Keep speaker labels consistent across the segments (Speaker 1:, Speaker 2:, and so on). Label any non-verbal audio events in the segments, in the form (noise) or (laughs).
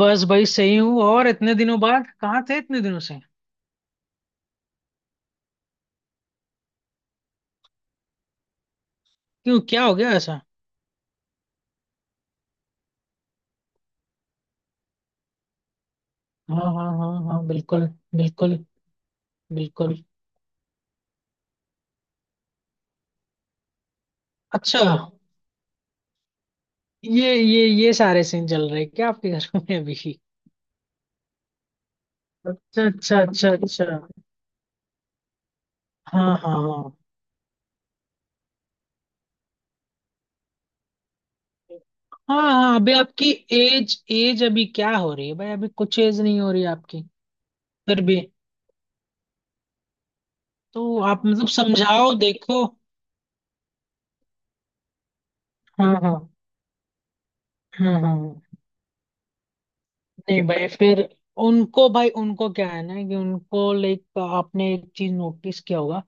Speaker 1: बस भाई सही हूँ। और इतने दिनों बाद कहाँ थे इतने दिनों से? क्यों, क्या हो गया ऐसा? हाँ हाँ हाँ हाँ बिल्कुल। बिल्कुल बिल्कुल। अच्छा। ये सारे सीन चल रहे हैं क्या आपके घर में अभी? अच्छा अच्छा अच्छा अच्छा। हाँ हाँ हाँ। हाँ हाँ, अभी आपकी एज एज अभी क्या हो रही है भाई? अभी कुछ एज नहीं हो रही आपकी। फिर भी, तो आप मतलब समझाओ, देखो। हाँ हाँ हाँ हाँ। नहीं भाई, फिर उनको भाई उनको क्या है ना, कि उनको लाइक आपने एक चीज नोटिस किया होगा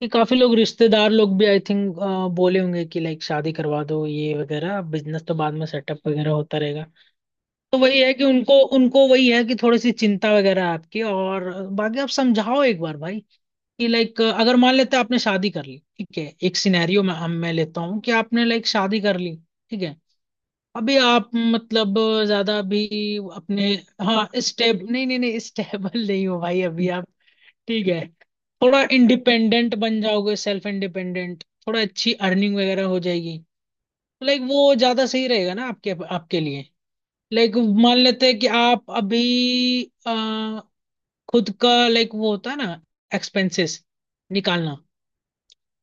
Speaker 1: कि काफी लोग, रिश्तेदार लोग भी, आई थिंक बोले होंगे कि लाइक शादी करवा दो, ये वगैरह, बिजनेस तो बाद में सेटअप वगैरह होता रहेगा। तो वही है कि उनको उनको वही है कि थोड़ी सी चिंता वगैरह आपकी, और बाकी आप समझाओ एक बार भाई कि लाइक अगर मान लेते हैं आपने शादी कर ली, ठीक है, एक सिनेरियो में हम मैं लेता हूँ कि आपने लाइक शादी कर ली। ठीक है। अभी आप मतलब ज्यादा भी अपने, हाँ, स्टेब नहीं नहीं नहीं, स्टेबल (laughs) नहीं हो भाई अभी आप। ठीक है। थोड़ा इंडिपेंडेंट बन जाओगे, सेल्फ इंडिपेंडेंट, थोड़ा अच्छी अर्निंग वगैरह हो जाएगी, लाइक वो ज्यादा सही रहेगा ना आपके आपके लिए। लाइक मान लेते हैं कि आप अभी अ, खुद का, लाइक वो होता है ना, एक्सपेंसेस निकालना।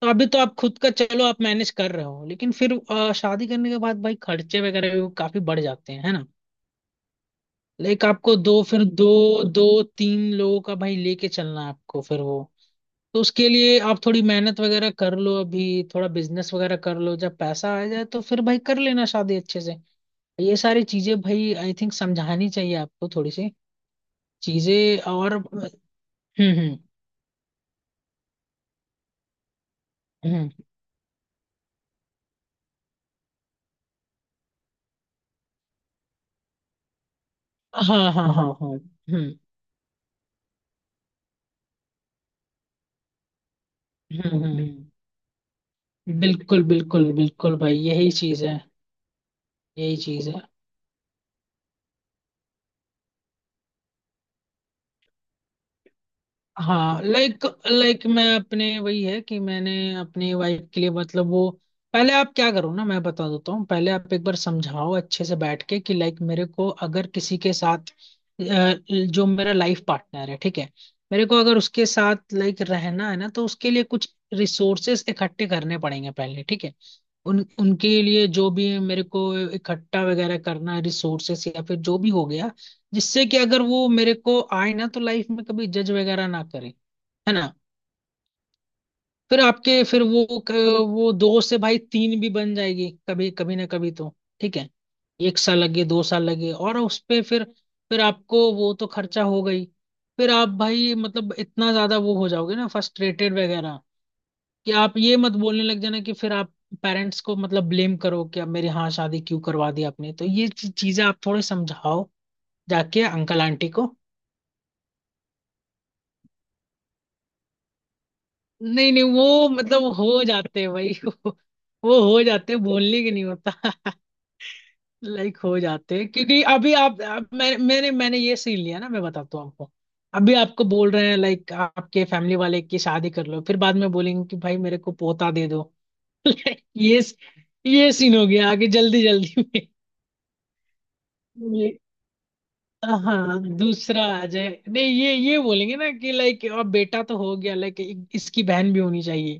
Speaker 1: तो अभी तो आप खुद का चलो आप मैनेज कर रहे हो, लेकिन फिर शादी करने के बाद भाई खर्चे वगैरह भी काफी बढ़ जाते हैं, है ना? लाइक आपको दो फिर दो दो तीन लोगों का भाई लेके चलना है आपको फिर वो, तो उसके लिए आप थोड़ी मेहनत वगैरह कर लो अभी, थोड़ा बिजनेस वगैरह कर लो, जब पैसा आ जाए तो फिर भाई कर लेना शादी अच्छे से। ये सारी चीजें भाई आई थिंक समझानी चाहिए आपको थोड़ी सी चीजें, और हम्म। हम्म हम्म। हाँ हाँ हाँ हाँ। हम्म हम्म हम्म हम्म। बिल्कुल बिल्कुल बिल्कुल भाई, यही चीज है। यही चीज है। हाँ लाइक, लाइक मैं अपने, वही है कि मैंने अपनी वाइफ के लिए, मतलब वो, पहले आप क्या करो ना, मैं बता देता हूँ, पहले आप एक बार समझाओ अच्छे से बैठ के कि लाइक मेरे को अगर किसी के साथ अ, जो मेरा लाइफ पार्टनर है, ठीक है, मेरे को अगर उसके साथ लाइक रहना है ना, तो उसके लिए कुछ रिसोर्सेस इकट्ठे करने पड़ेंगे पहले, ठीक है। उन उनके लिए जो भी मेरे को इकट्ठा वगैरह करना है, रिसोर्सेस या फिर जो भी हो गया, जिससे कि अगर वो मेरे को आए ना तो लाइफ में कभी जज वगैरह ना करे, है ना? फिर आपके, फिर वो वो दो से भाई तीन भी बन जाएगी कभी कभी, ना कभी तो, ठीक है, एक साल लगे, दो साल लगे, और उस पे फिर आपको वो तो खर्चा हो गई, फिर आप भाई मतलब इतना ज्यादा वो हो जाओगे ना, फ्रस्ट्रेटेड वगैरह, कि आप ये मत बोलने लग जाना कि फिर आप पेरेंट्स को मतलब ब्लेम करो कि आप मेरी, हाँ, शादी क्यों करवा दी आपने, तो ये चीजें आप थोड़े समझाओ, जाके अंकल आंटी को। नहीं नहीं वो मतलब हो जाते हैं भाई, वो हो जाते हैं, बोलने के नहीं होता। (laughs) लाइक हो जाते हैं, क्योंकि अभी आप मैंने ये सीन लिया ना, मैं बताता हूँ आपको। अभी आपको बोल रहे हैं लाइक आपके फैमिली वाले की शादी कर लो, फिर बाद में बोलेंगे कि भाई मेरे को पोता दे दो। ये ये सीन हो गया आगे, जल्दी जल्दी में। ये हाँ, दूसरा आ जाए, नहीं, ये बोलेंगे ना कि लाइक अब बेटा तो हो गया, लाइक इसकी बहन भी होनी चाहिए।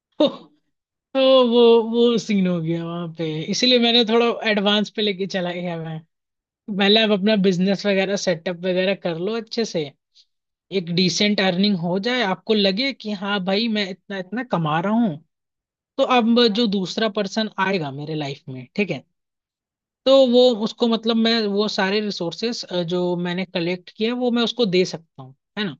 Speaker 1: (laughs) तो वो वो सीन हो गया वहां पे, इसीलिए मैंने थोड़ा एडवांस पे लेके चला गया मैं। पहले आप अपना बिजनेस वगैरह सेटअप वगैरह कर लो अच्छे से, एक डिसेंट अर्निंग हो जाए, आपको लगे कि हाँ भाई मैं इतना इतना कमा रहा हूँ, तो अब जो दूसरा पर्सन आएगा मेरे लाइफ में, ठीक है, तो वो उसको मतलब मैं वो सारे रिसोर्सेस जो मैंने कलेक्ट किया वो मैं उसको दे सकता हूँ, है ना?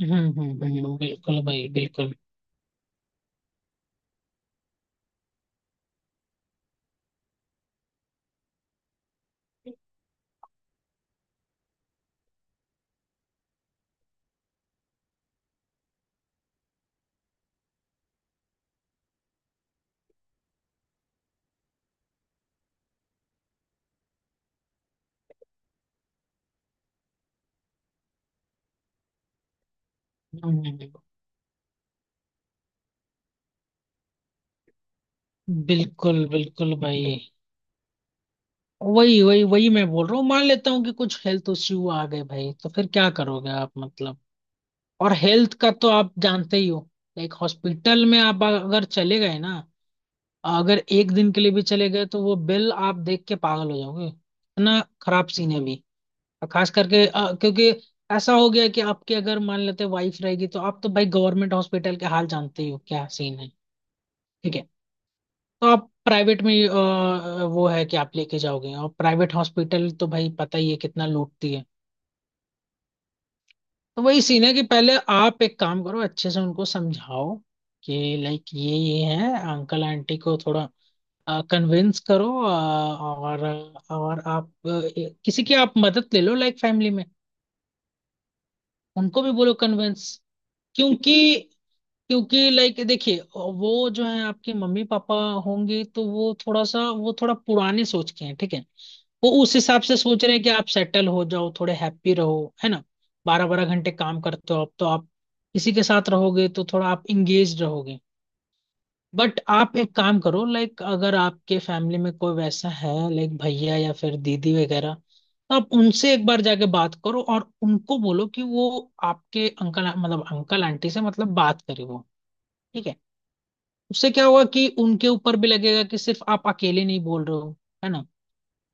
Speaker 1: बिल्कुल भाई बिल्कुल। हम्म, बिल्कुल बिल्कुल भाई। वही वही वही मैं बोल रहा हूँ, मान लेता हूँ कि कुछ हेल्थ इश्यू आ गए भाई, तो फिर क्या करोगे आप मतलब? और हेल्थ का तो आप जानते ही हो, लाइक हॉस्पिटल में आप अगर चले गए ना, अगर एक दिन के लिए भी चले गए तो वो बिल आप देख के पागल हो जाओगे, इतना खराब सीन है अभी। और खास करके क्योंकि ऐसा हो गया कि आपकी अगर मान लेते वाइफ रहेगी, तो आप तो भाई गवर्नमेंट हॉस्पिटल के हाल जानते ही हो क्या सीन है। ठीक है। तो आप प्राइवेट में वो है कि आप लेके जाओगे, और प्राइवेट हॉस्पिटल तो भाई पता ही है कितना लूटती है। तो वही सीन है कि पहले आप एक काम करो, अच्छे से उनको समझाओ कि लाइक ये है, अंकल आंटी को थोड़ा कन्विंस करो, और आप किसी की आप मदद ले लो लाइक फैमिली में। उनको भी बोलो कन्विंस, क्योंकि क्योंकि लाइक देखिए, वो जो है आपके मम्मी पापा होंगे, तो वो थोड़ा पुराने सोच के हैं, ठीक है। वो उस हिसाब से सोच रहे हैं कि आप सेटल हो जाओ, थोड़े हैप्पी रहो, है ना? 12-12 घंटे काम करते हो आप, तो आप किसी के साथ रहोगे तो थोड़ा आप इंगेज रहोगे। बट आप एक काम करो, लाइक अगर आपके फैमिली में कोई वैसा है लाइक भैया या फिर दीदी वगैरह, तो आप उनसे एक बार जाके बात करो और उनको बोलो कि वो आपके अंकल, मतलब अंकल आंटी से मतलब बात करे वो, ठीक है। उससे क्या हुआ कि उनके ऊपर भी लगेगा कि सिर्फ आप अकेले नहीं बोल रहे हो, है ना?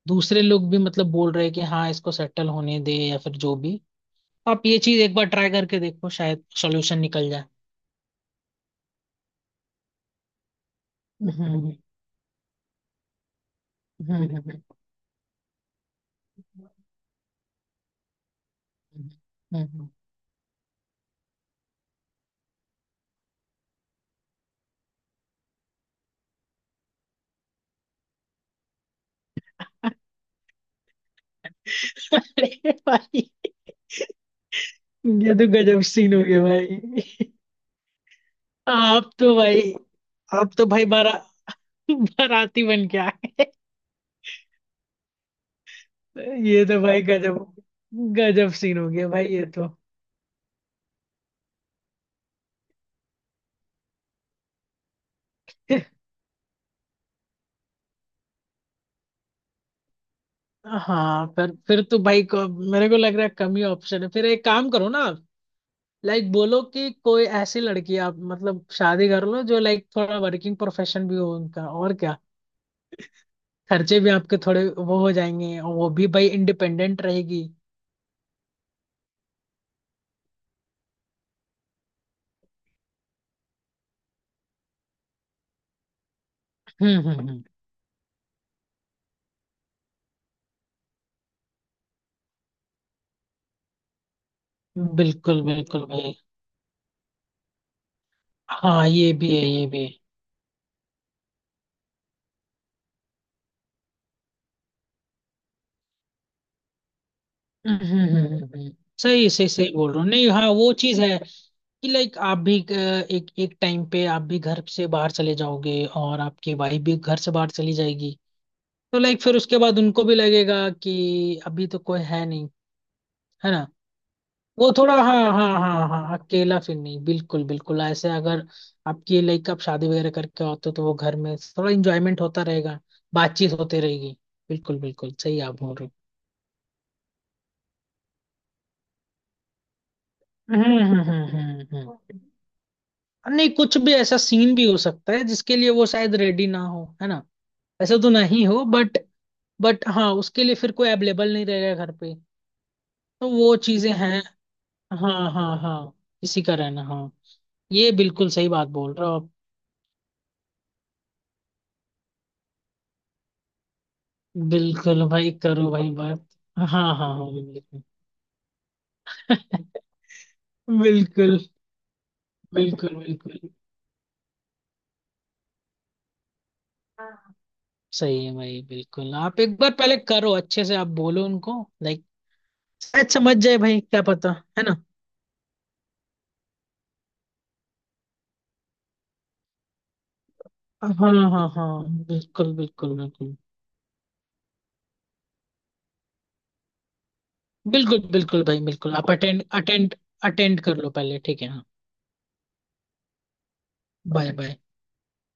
Speaker 1: दूसरे लोग भी मतलब बोल रहे हैं कि हाँ इसको सेटल होने दे या फिर जो भी, आप ये चीज एक बार ट्राई करके देखो, शायद सॉल्यूशन निकल जाए। हम्म हम्म हम्म हम्म, हम्म, हम्म। अरे भाई, ये तो गजब सीन हो गया भाई। आप तो भाई, आप तो भाई बाराती बन के आए। ये तो भाई गजब, गजब सीन हो गया भाई ये तो। हाँ, पर फिर तो भाई को मेरे को लग रहा है कम ही ऑप्शन है, फिर एक काम करो ना, लाइक बोलो कि कोई ऐसी लड़की आप मतलब शादी कर लो जो लाइक थोड़ा वर्किंग प्रोफेशन भी हो उनका, और क्या, खर्चे भी आपके थोड़े वो हो जाएंगे और वो भी भाई इंडिपेंडेंट रहेगी। हम्म हम्म हम्म, बिल्कुल बिल्कुल भाई। हाँ ये भी है, ये भी। हम्म हम्म, हम्म, हम्म, हम्म, हम्म, हम्म। सही सही सही बोल रहे हो, नहीं हाँ वो चीज है कि लाइक आप भी एक एक टाइम पे आप भी घर से बाहर चले जाओगे और आपकी वाइफ भी घर से बाहर चली जाएगी, तो लाइक फिर उसके बाद उनको भी लगेगा कि अभी तो कोई है नहीं, है ना? वो थोड़ा, हाँ हाँ हाँ हाँ, अकेला फिर नहीं, बिल्कुल बिल्कुल, ऐसे अगर आपकी लाइक आप शादी वगैरह करके होते हो तो वो घर में थोड़ा इंजॉयमेंट होता रहेगा, बातचीत होते रहेगी। बिल्कुल बिल्कुल सही आप बोल रहे हो। हम्म। नहीं कुछ भी ऐसा सीन भी हो सकता है जिसके लिए वो शायद रेडी ना हो, है ना? ऐसा तो नहीं हो बट हाँ उसके लिए फिर कोई अवेलेबल नहीं रहेगा घर पे, तो वो चीजें हैं। हाँ हाँ हाँ, इसी का रहना, हाँ, ये बिल्कुल सही बात बोल रहे हो आप। बिल्कुल भाई, करो भाई बात। हाँ हाँ हाँ बिल्कुल। (laughs) बिल्कुल। बिल्कुल बिल्कुल। सही है भाई, बिल्कुल, आप एक बार पहले करो अच्छे से, आप बोलो उनको लाइक, शायद समझ जाए भाई, क्या पता, है ना? हाँ हाँ हाँ बिल्कुल बिल्कुल बिल्कुल। बिल्कुल बिल्कुल भाई बिल्कुल, आप अटेंड अटेंड, अटेंड कर लो पहले ठीक है, हाँ। Bye bye.